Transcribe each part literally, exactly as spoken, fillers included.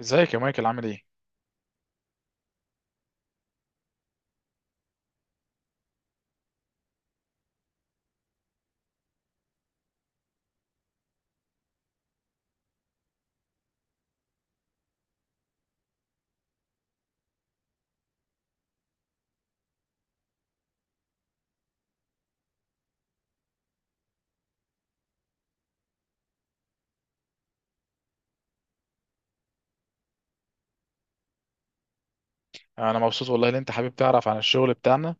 ازيك يا مايكل، عامل ايه؟ انا مبسوط والله ان انت حابب تعرف عن الشغل بتاعنا.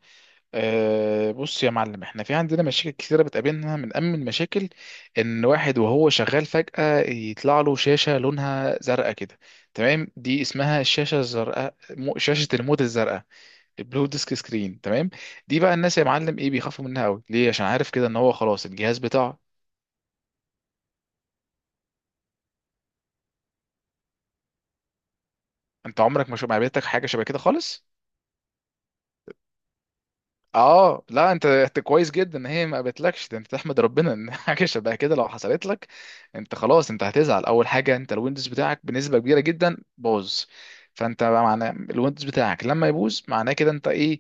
أه بص يا معلم، احنا في عندنا مشاكل كثيره بتقابلنا. من اهم المشاكل ان واحد وهو شغال فجأة يطلع له شاشه لونها زرقاء كده. تمام، دي اسمها الشاشه الزرقاء، مو- شاشه الموت الزرقاء، البلو ديسك سكرين، تمام. دي بقى الناس يا معلم ايه بيخافوا منها قوي، ليه؟ عشان عارف كده ان هو خلاص الجهاز بتاعه. انت عمرك ما شو- ما قابلتك حاجه شبه كده خالص؟ اه لا، انت انت كويس جدا ان هي ما قابلتلكش. ده انت تحمد ربنا ان حاجه شبه كده لو حصلت لك انت خلاص. انت هتزعل اول حاجه، انت الويندوز بتاعك بنسبه كبيره جدا باظ. فانت بقى معناه الويندوز بتاعك لما يبوظ معناه كده انت ايه؟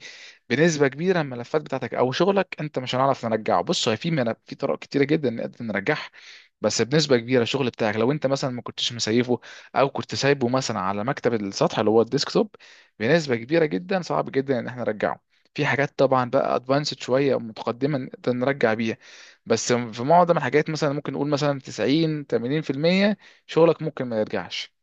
بنسبه كبيره الملفات بتاعتك او شغلك انت مش هنعرف نرجعه. بص هو في ملف، في طرق كتيره جدا نقدر نرجعها. بس بنسبه كبيره الشغل بتاعك لو انت مثلا ما كنتش مسيفه، او كنت سايبه مثلا على مكتب السطح اللي هو الديسكتوب، بنسبه كبيره جدا صعب جدا ان احنا نرجعه. في حاجات طبعا بقى ادفانسد شويه متقدمه نقدر نرجع بيها، بس في معظم الحاجات مثلا ممكن نقول مثلا تسعين، تمانين في المية شغلك ممكن ما يرجعش.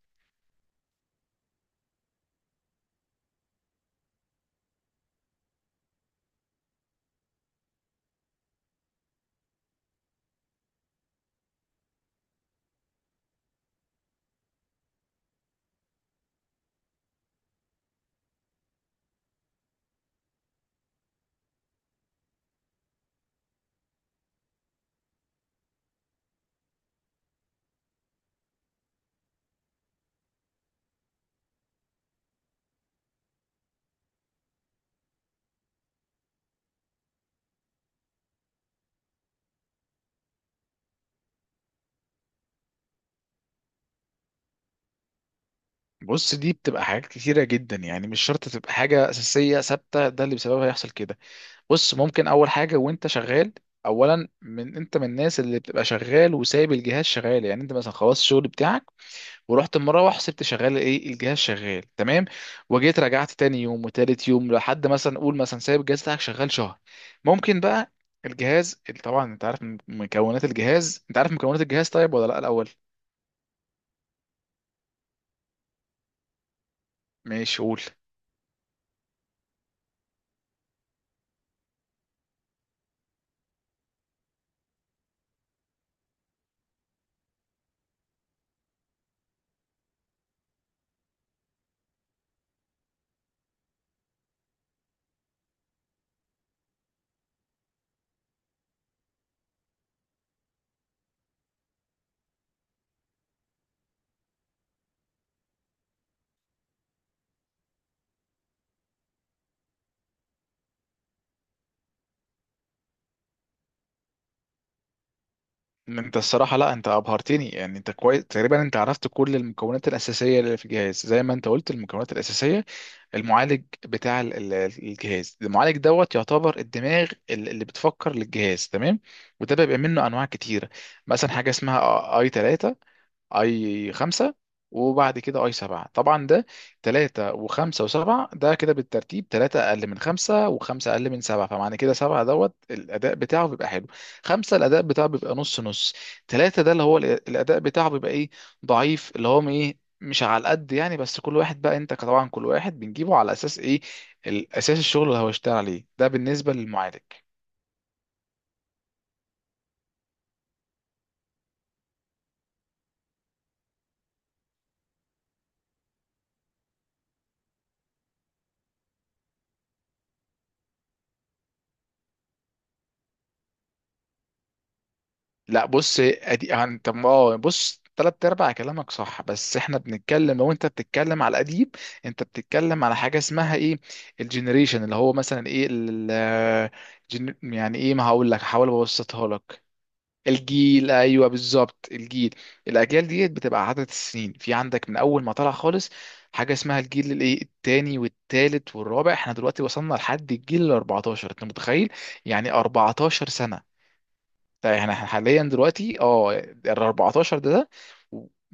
بص دي بتبقى حاجات كتيرة جدا، يعني مش شرط تبقى حاجة أساسية ثابتة ده اللي بسببها يحصل كده. بص ممكن أول حاجة وأنت شغال، أولا من أنت من الناس اللي بتبقى شغال وسايب الجهاز شغال. يعني أنت مثلا خلاص الشغل بتاعك ورحت مروح، سبت شغال ايه الجهاز شغال، تمام. وجيت رجعت تاني يوم وتالت يوم، لحد مثلا قول مثلا سايب الجهاز بتاعك شغال شهر. ممكن بقى الجهاز طبعا. انت عارف مكونات الجهاز؟ انت عارف مكونات الجهاز طيب ولا لا الاول؟ ماشي قول. انت الصراحه لا انت ابهرتني، يعني انت كويس تقريبا، انت عرفت كل المكونات الاساسيه اللي في الجهاز، زي ما انت قلت المكونات الاساسيه. المعالج بتاع ال- ال- الجهاز، المعالج دوت يعتبر الدماغ، ال- اللي بتفكر للجهاز، تمام. وده بيبقى منه انواع كتيره. مثلا حاجه اسمها اي ثلاثة، اي خمسة، وبعد كده اي سبعة. طبعا ده تلاتة وخمسة وسبعة، ده كده بالترتيب. تلاتة اقل من خمسة، وخمسة اقل من سبعة، فمعنى كده سبعة دوت الاداء بتاعه بيبقى حلو. خمسة الاداء بتاعه بيبقى نص نص. تلاتة ده اللي هو الأ- الاداء بتاعه بيبقى ايه؟ ضعيف، اللي هو ايه، مش على القد يعني. بس كل واحد بقى، انت طبعا كل واحد بنجيبه على اساس ايه؟ الاساس الشغل اللي هو اشتغل عليه، ده بالنسبة للمعالج. لا بص ادي عن طب ما- اه بص، تلات ارباع كلامك صح، بس احنا بنتكلم لو انت بتتكلم على القديم. انت بتتكلم على حاجه اسمها ايه؟ الجنريشن اللي هو مثلا ايه ال ال- جن- يعني ايه، ما هقول لك، هحاول ابسطها لك. الجيل، ايوه بالظبط الجيل. الاجيال ديت بتبقى عدد السنين في عندك من اول ما طلع خالص. حاجه اسمها الجيل الايه، التاني والتالت والرابع. احنا دلوقتي وصلنا لحد الجيل ال الاربعتاشر، انت متخيل؟ يعني 14 سنه. ده يعني احنا حاليا دلوقتي اه ال الرابع عشر ده ده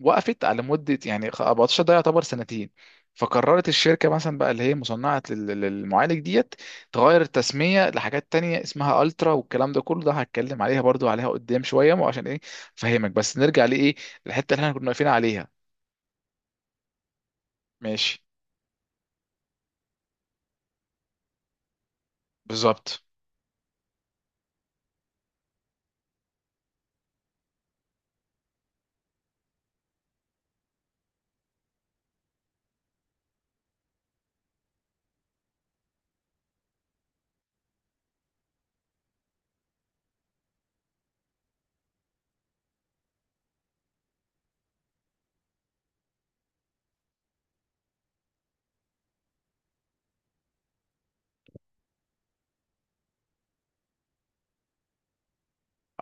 وقفت على مده. يعني اربعتاشر ده يعتبر سنتين. فقررت الشركه مثلا بقى اللي هي مصنعه لل- لل- للمعالج ديت تغير التسميه لحاجات تانية اسمها الترا والكلام ده كله. ده هتكلم عليها برضو عليها قدام شويه، ما عشان ايه فهمك. بس نرجع لايه، الحته اللي احنا كنا واقفين عليها. ماشي بالظبط.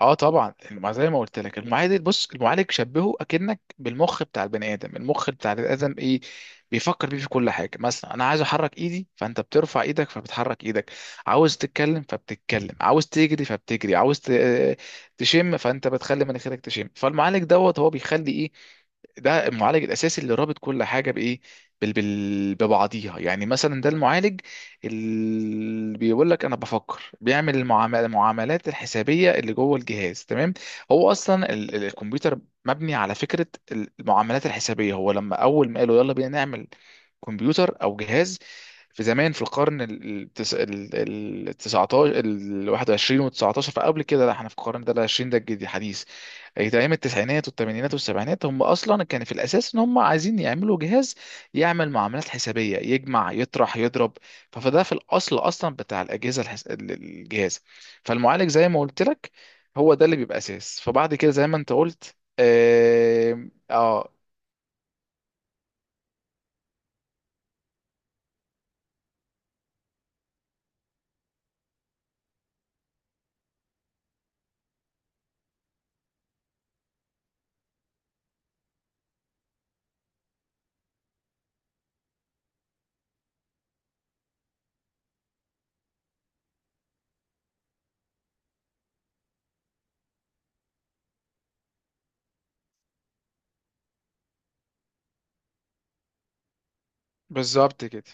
اه طبعا ما زي ما قلت لك المعالج بص، المعالج شبهه اكنك بالمخ بتاع البني ادم. المخ بتاع البني ادم ايه، بيفكر بيه في كل حاجه. مثلا انا عايز احرك ايدي فانت بترفع ايدك فبتحرك ايدك. عاوز تتكلم فبتتكلم، عاوز تجري فبتجري، عاوز ت- تشم فانت بتخلي مناخيرك تشم. فالمعالج دوت هو بيخلي إيه، ده المعالج الاساسي اللي رابط كل حاجه بايه، بال... بال... ببعضيها. يعني مثلا ده المعالج اللي بيقول لك انا بفكر، بيعمل المعام- المعاملات الحسابيه اللي جوه الجهاز، تمام. هو اصلا ال... ال- الكمبيوتر مبني على فكره المعاملات الحسابيه. هو لما اول ما قالوا يلا بينا نعمل كمبيوتر او جهاز، في زمان في القرن ال التاسع عشر، ال الحادي والعشرين و تسعتاشر. فقبل كده لا، احنا في القرن ده ال العشرين، ده الجديد الحديث. ايام التسعينات والثمانينات والسبعينات هم اصلا كان في الاساس ان هم عايزين يعملوا جهاز يعمل معاملات حسابيه، يجمع يطرح يضرب. ف- فده في الاصل اصلا بتاع الاجهزه الحس... ال- ال- الجهاز. فالمعالج زي ما قلت لك هو ده اللي بيبقى اساس. فبعد كده زي ما انت قلت اه, آه بالظبط كده.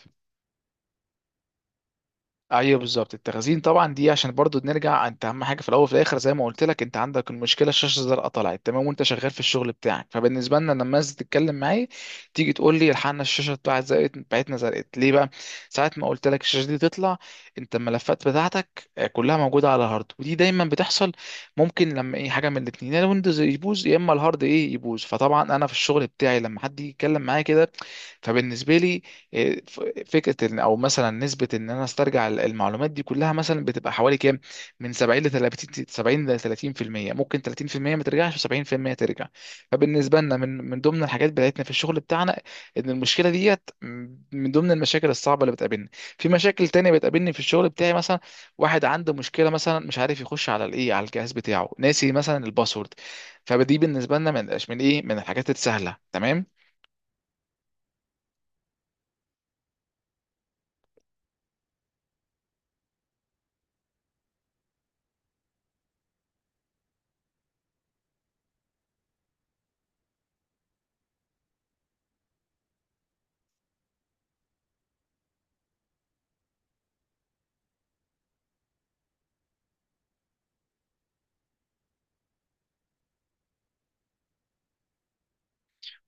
ايوه بالظبط التخزين طبعا. دي عشان برضو نرجع، انت اهم حاجه في الاول وفي الاخر زي ما قلت لك. انت عندك المشكله الشاشه الزرقاء طلعت تمام وانت شغال في الشغل بتاعك، فبالنسبه لنا لما الناس تتكلم معايا، تيجي تقول لي الحقنا الشاشه بتاعت زرقت بتاعتنا زرقت ليه بقى. ساعه ما قلت لك الشاشه دي تطلع، انت الملفات بتاعتك آه، كلها موجوده على الهارد. ودي دايما بتحصل. ممكن لما ايه حاجه من الاثنين، يا الويندوز يبوظ، يا اما الهارد ايه يبوظ. فطبعا انا في الشغل بتاعي لما حد يجي يتكلم معايا كده، فبالنسبه لي إيه، ف- فكره ان او مثلا نسبه ان انا استرجع ال- المعلومات دي كلها مثلا بتبقى حوالي كام؟ من سبعين ل تلاتين، سبعين ل تلاتين في المية، ممكن تلاتين في المية ما ترجعش و70% ترجع. فبالنسبه لنا من من ضمن الحاجات بتاعتنا في الشغل بتاعنا ان المشكله ديت من ضمن المشاكل الصعبه اللي بتقابلنا. في مشاكل تانية بتقابلني في الشغل بتاعي، مثلا واحد عنده مشكله مثلا مش عارف يخش على الايه على الجهاز بتاعه، ناسي مثلا الباسورد. فدي بالنسبه لنا من من ايه، من الحاجات السهله، تمام.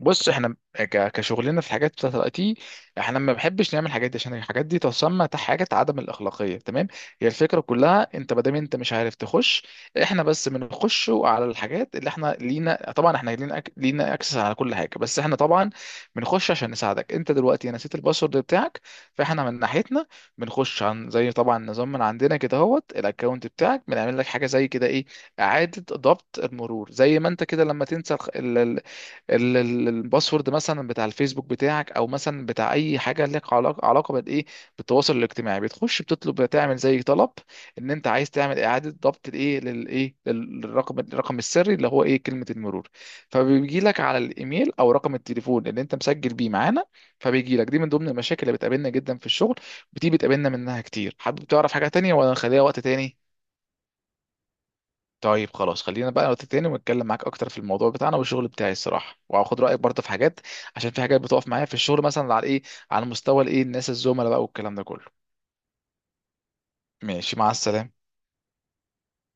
بص احنا ك- كشغلنا في الحاجات بتاعت الاي تي، احنا ما بنحبش نعمل الحاجات دي، عشان الحاجات دي تسمى تح- حاجه عدم الاخلاقيه، تمام. هي الفكره كلها انت ما دام انت مش عارف تخش، احنا بس بنخش على الحاجات اللي احنا لينا. طبعا احنا لينا أك- لينا اكسس على كل حاجه، بس احنا طبعا بنخش عشان نساعدك. انت دلوقتي نسيت الباسورد بتاعك، فاحنا من ناحيتنا بنخش عن زي طبعا نظام من عندنا كده، اهوت الاكونت بتاعك بنعمل لك حاجه زي كده ايه، اعاده ضبط المرور. زي ما انت كده لما تنسى ال- ال- الباسورد مثلا بتاع الفيسبوك بتاعك، او مثلا بتاع اي حاجه لك علاقه علاقه بالايه، بالتواصل الاجتماعي. بتخش بتطلب تعمل زي طلب ان انت عايز تعمل اعاده ضبط الايه، للايه، للرقم، الرقم السري اللي هو ايه، كلمه المرور. فبيجي لك على الايميل او رقم التليفون اللي انت مسجل بيه معانا، فبيجي لك. دي من ضمن المشاكل اللي بتقابلنا جدا في الشغل، ودي بتقابلنا منها كتير. حابب تعرف حاجه تانية ولا نخليها وقت تاني؟ طيب خلاص خلينا بقى نقطة تاني ونتكلم معاك اكتر في الموضوع بتاعنا والشغل بتاعي الصراحه، وهاخد رايك برضه في حاجات، عشان في حاجات بتقف معايا في الشغل مثلا على ايه، على مستوى الايه الناس الزملاء بقى والكلام ده كله. ماشي مع السلامه.